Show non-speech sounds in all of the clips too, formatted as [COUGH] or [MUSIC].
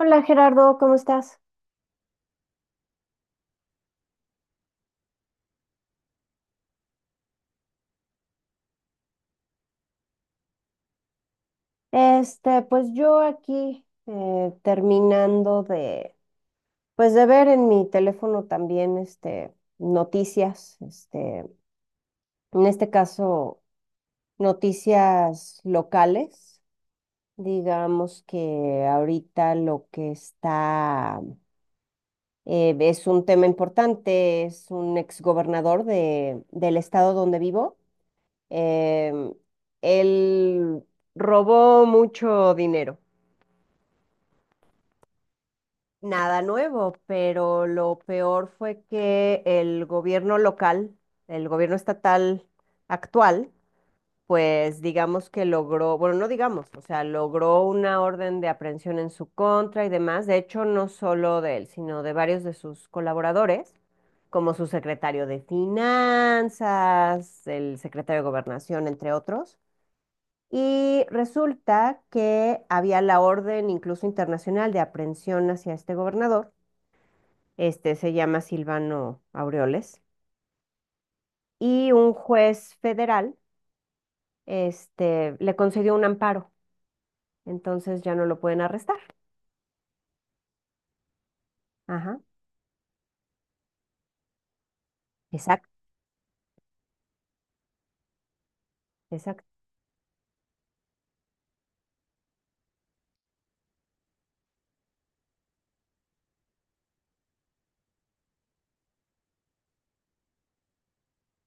Hola Gerardo, ¿cómo estás? Pues yo aquí terminando de, pues de ver en mi teléfono también, noticias, en este caso, noticias locales. Digamos que ahorita lo que está es un tema importante, es un exgobernador del estado donde vivo. Em, él robó mucho dinero. Nada nuevo, pero lo peor fue que el gobierno local, el gobierno estatal actual, pues digamos que logró, bueno, no digamos, o sea, logró una orden de aprehensión en su contra y demás, de hecho, no solo de él, sino de varios de sus colaboradores, como su secretario de Finanzas, el secretario de Gobernación, entre otros. Y resulta que había la orden incluso internacional de aprehensión hacia este gobernador. Este se llama Silvano Aureoles, y un juez federal, le concedió un amparo, entonces ya no lo pueden arrestar. Ajá, exacto, exacto.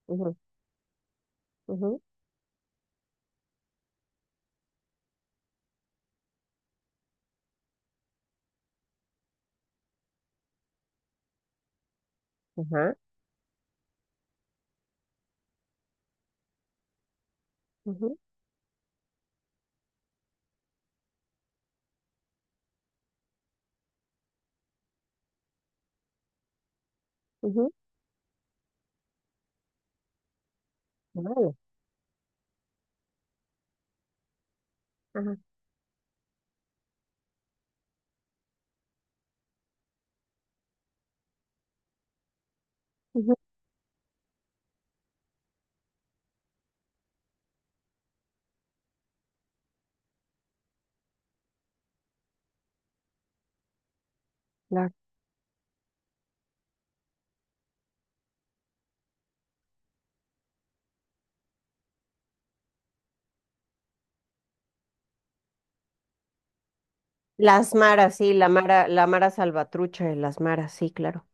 Ujú, ujú, ajá, ujú, ujú, órale, ajá, ujú, claro. Las maras, sí, la mara salvatrucha de las maras, sí, claro.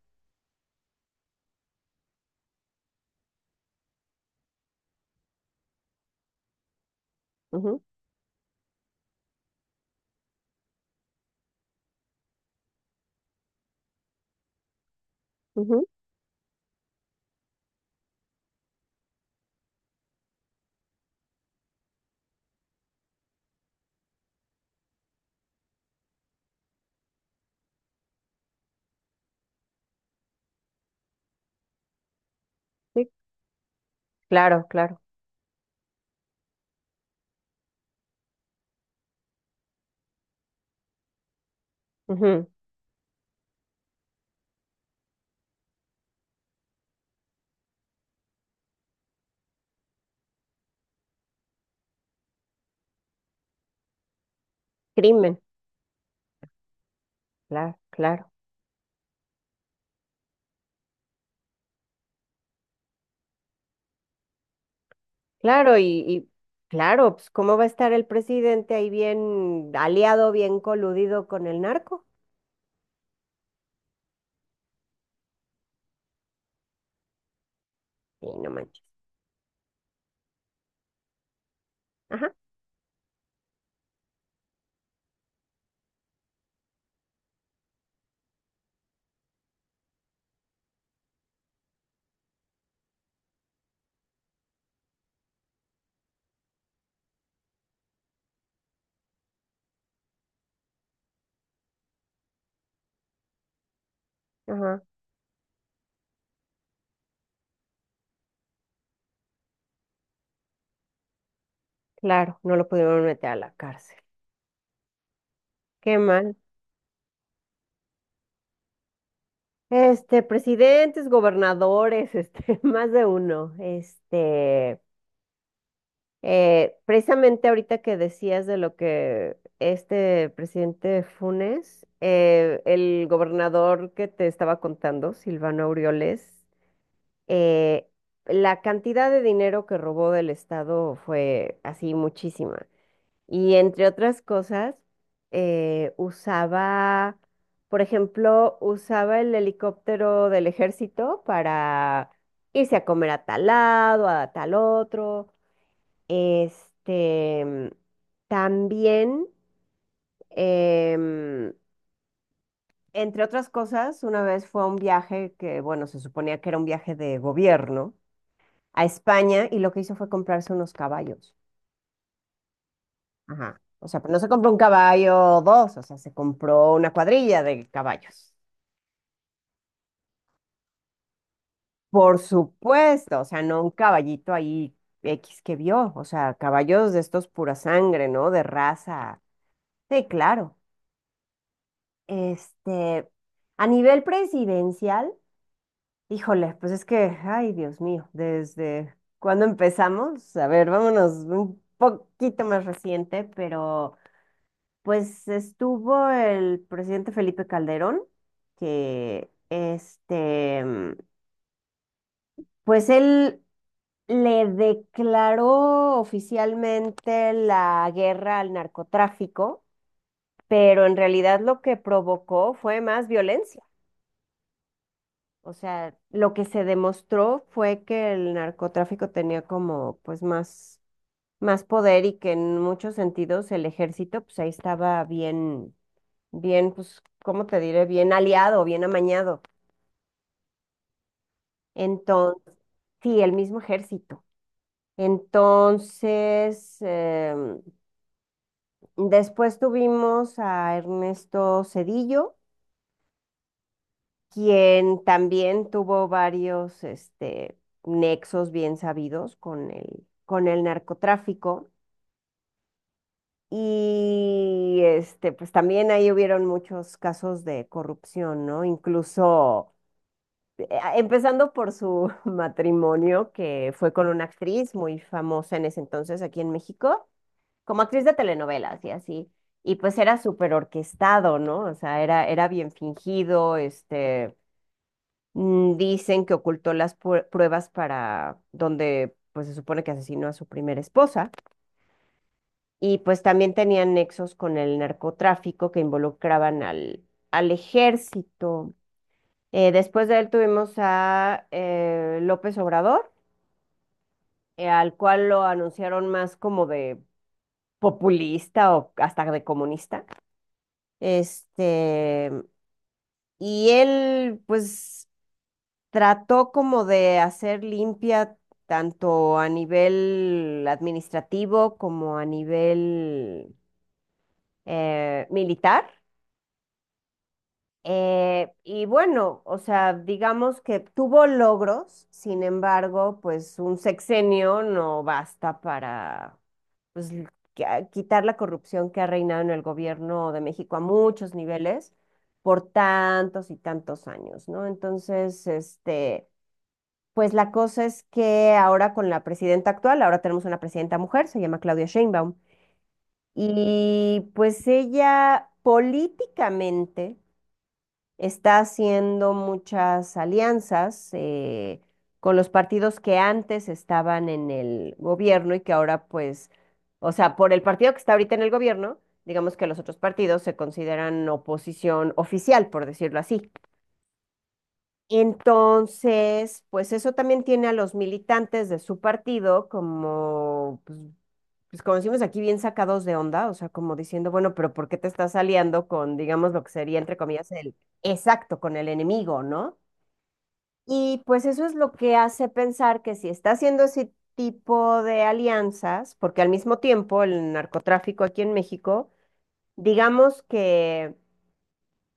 Ujú, ujú, sí, claro, claro. Ujú, crimen, claro, claro. Claro, y claro, pues ¿cómo va a estar el presidente ahí bien aliado, bien coludido con el narco? Sí, no manches. Ajá, ajá, claro, no lo pudieron meter a la cárcel. Qué mal. Presidentes, gobernadores, [LAUGHS] más de uno. Precisamente ahorita que decías de lo que este presidente Funes, el gobernador que te estaba contando, Silvano Aureoles, eh, la cantidad de dinero que robó del Estado fue así muchísima. Y entre otras cosas, usaba, por ejemplo, usaba el helicóptero del ejército para irse a comer a tal lado, a tal otro. Este, mm, también, em, entre otras cosas, una vez fue a un viaje que, bueno, se suponía que era un viaje de gobierno a España y lo que hizo fue comprarse unos caballos. Ajá. O sea, pero no se compró un caballo o dos, o sea, se compró una cuadrilla de caballos. Por supuesto, o sea, no un caballito ahí X que vio, o sea, caballos de estos pura sangre, ¿no? De raza. Sí, claro. Este, a nivel presidencial, híjole, pues es que, ay, Dios mío, desde cuándo empezamos, a ver, vámonos un poquito más reciente, pero pues estuvo el presidente Felipe Calderón, que pues él le declaró oficialmente la guerra al narcotráfico, pero en realidad lo que provocó fue más violencia. O sea, lo que se demostró fue que el narcotráfico tenía como pues más, más poder y que en muchos sentidos el ejército pues ahí estaba bien bien, pues, ¿cómo te diré? Bien aliado, bien amañado. Entonces, sí, el mismo ejército. Entonces, después tuvimos a Ernesto Cedillo, quien también tuvo varios, nexos bien sabidos con el narcotráfico. Y pues también ahí hubieron muchos casos de corrupción, ¿no? Incluso eh, empezando por su [LAUGHS] matrimonio, que fue con una actriz muy famosa en ese entonces aquí en México, como actriz de telenovelas y así. Y pues era súper orquestado, ¿no? O sea, era bien fingido, dicen que ocultó las pruebas para donde, pues se supone que asesinó a su primera esposa. Y pues también tenían nexos con el narcotráfico que involucraban al ejército. Después de él tuvimos a López Obrador al cual lo anunciaron más como de populista o hasta de comunista. Este, y él, pues, trató como de hacer limpia tanto a nivel administrativo como a nivel militar. Y bueno, o sea, digamos que tuvo logros, sin embargo, pues un sexenio no basta para pues, quitar la corrupción que ha reinado en el gobierno de México a muchos niveles por tantos y tantos años, ¿no? Entonces, pues la cosa es que ahora con la presidenta actual, ahora tenemos una presidenta mujer, se llama Claudia Sheinbaum, y pues ella políticamente está haciendo muchas alianzas con los partidos que antes estaban en el gobierno y que ahora pues, o sea, por el partido que está ahorita en el gobierno, digamos que los otros partidos se consideran oposición oficial, por decirlo así. Entonces, pues eso también tiene a los militantes de su partido como, pues como decimos aquí, bien sacados de onda, o sea, como diciendo, bueno, pero ¿por qué te estás aliando con, digamos, lo que sería, entre comillas, el. Exacto, con el enemigo, ¿no? Y pues eso es lo que hace pensar que si está haciendo ese tipo de alianzas, porque al mismo tiempo el narcotráfico aquí en México, digamos que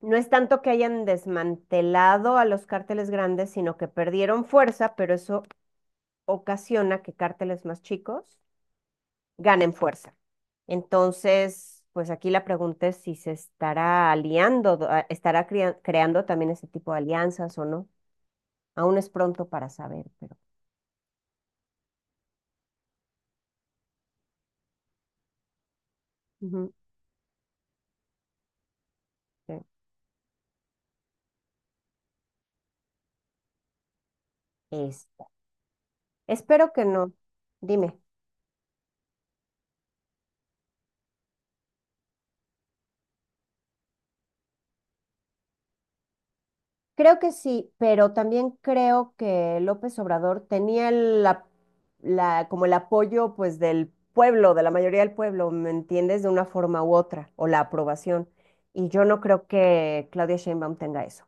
no es tanto que hayan desmantelado a los cárteles grandes, sino que perdieron fuerza, pero eso ocasiona que cárteles más chicos ganen fuerza. Entonces, pues aquí la pregunta es si se estará aliando, estará creando también ese tipo de alianzas o no. Aún es pronto para saber, pero. Ujú, sí. Este, espero que no. Dime. Creo que sí, pero también creo que López Obrador tenía como el apoyo pues del pueblo, de la mayoría del pueblo, ¿me entiendes? De una forma u otra, o la aprobación. Y yo no creo que Claudia Sheinbaum tenga eso.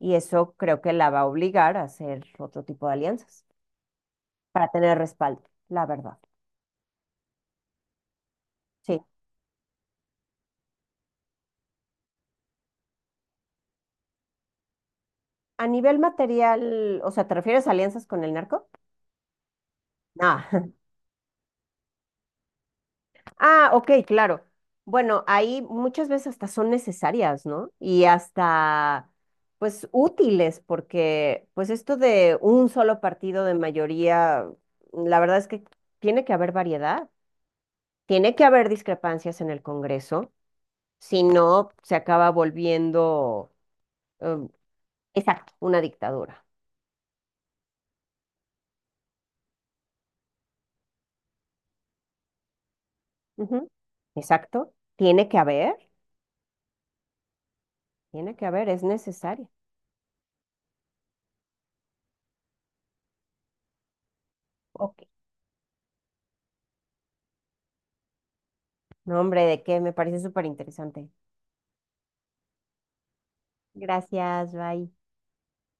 Y eso creo que la va a obligar a hacer otro tipo de alianzas para tener respaldo, la verdad. Sí. A nivel material, o sea, ¿te refieres a alianzas con el narco? No. Ah, ok, claro. Bueno, ahí muchas veces hasta son necesarias, ¿no? Y hasta, pues, útiles, porque, pues, esto de un solo partido de mayoría, la verdad es que tiene que haber variedad, tiene que haber discrepancias en el Congreso, si no, se acaba volviendo, em, exacto, una dictadura. Ujú. Exacto, tiene que haber, es necesario. Ok. No, hombre, ¿de qué? Me parece súper interesante. Gracias, bye.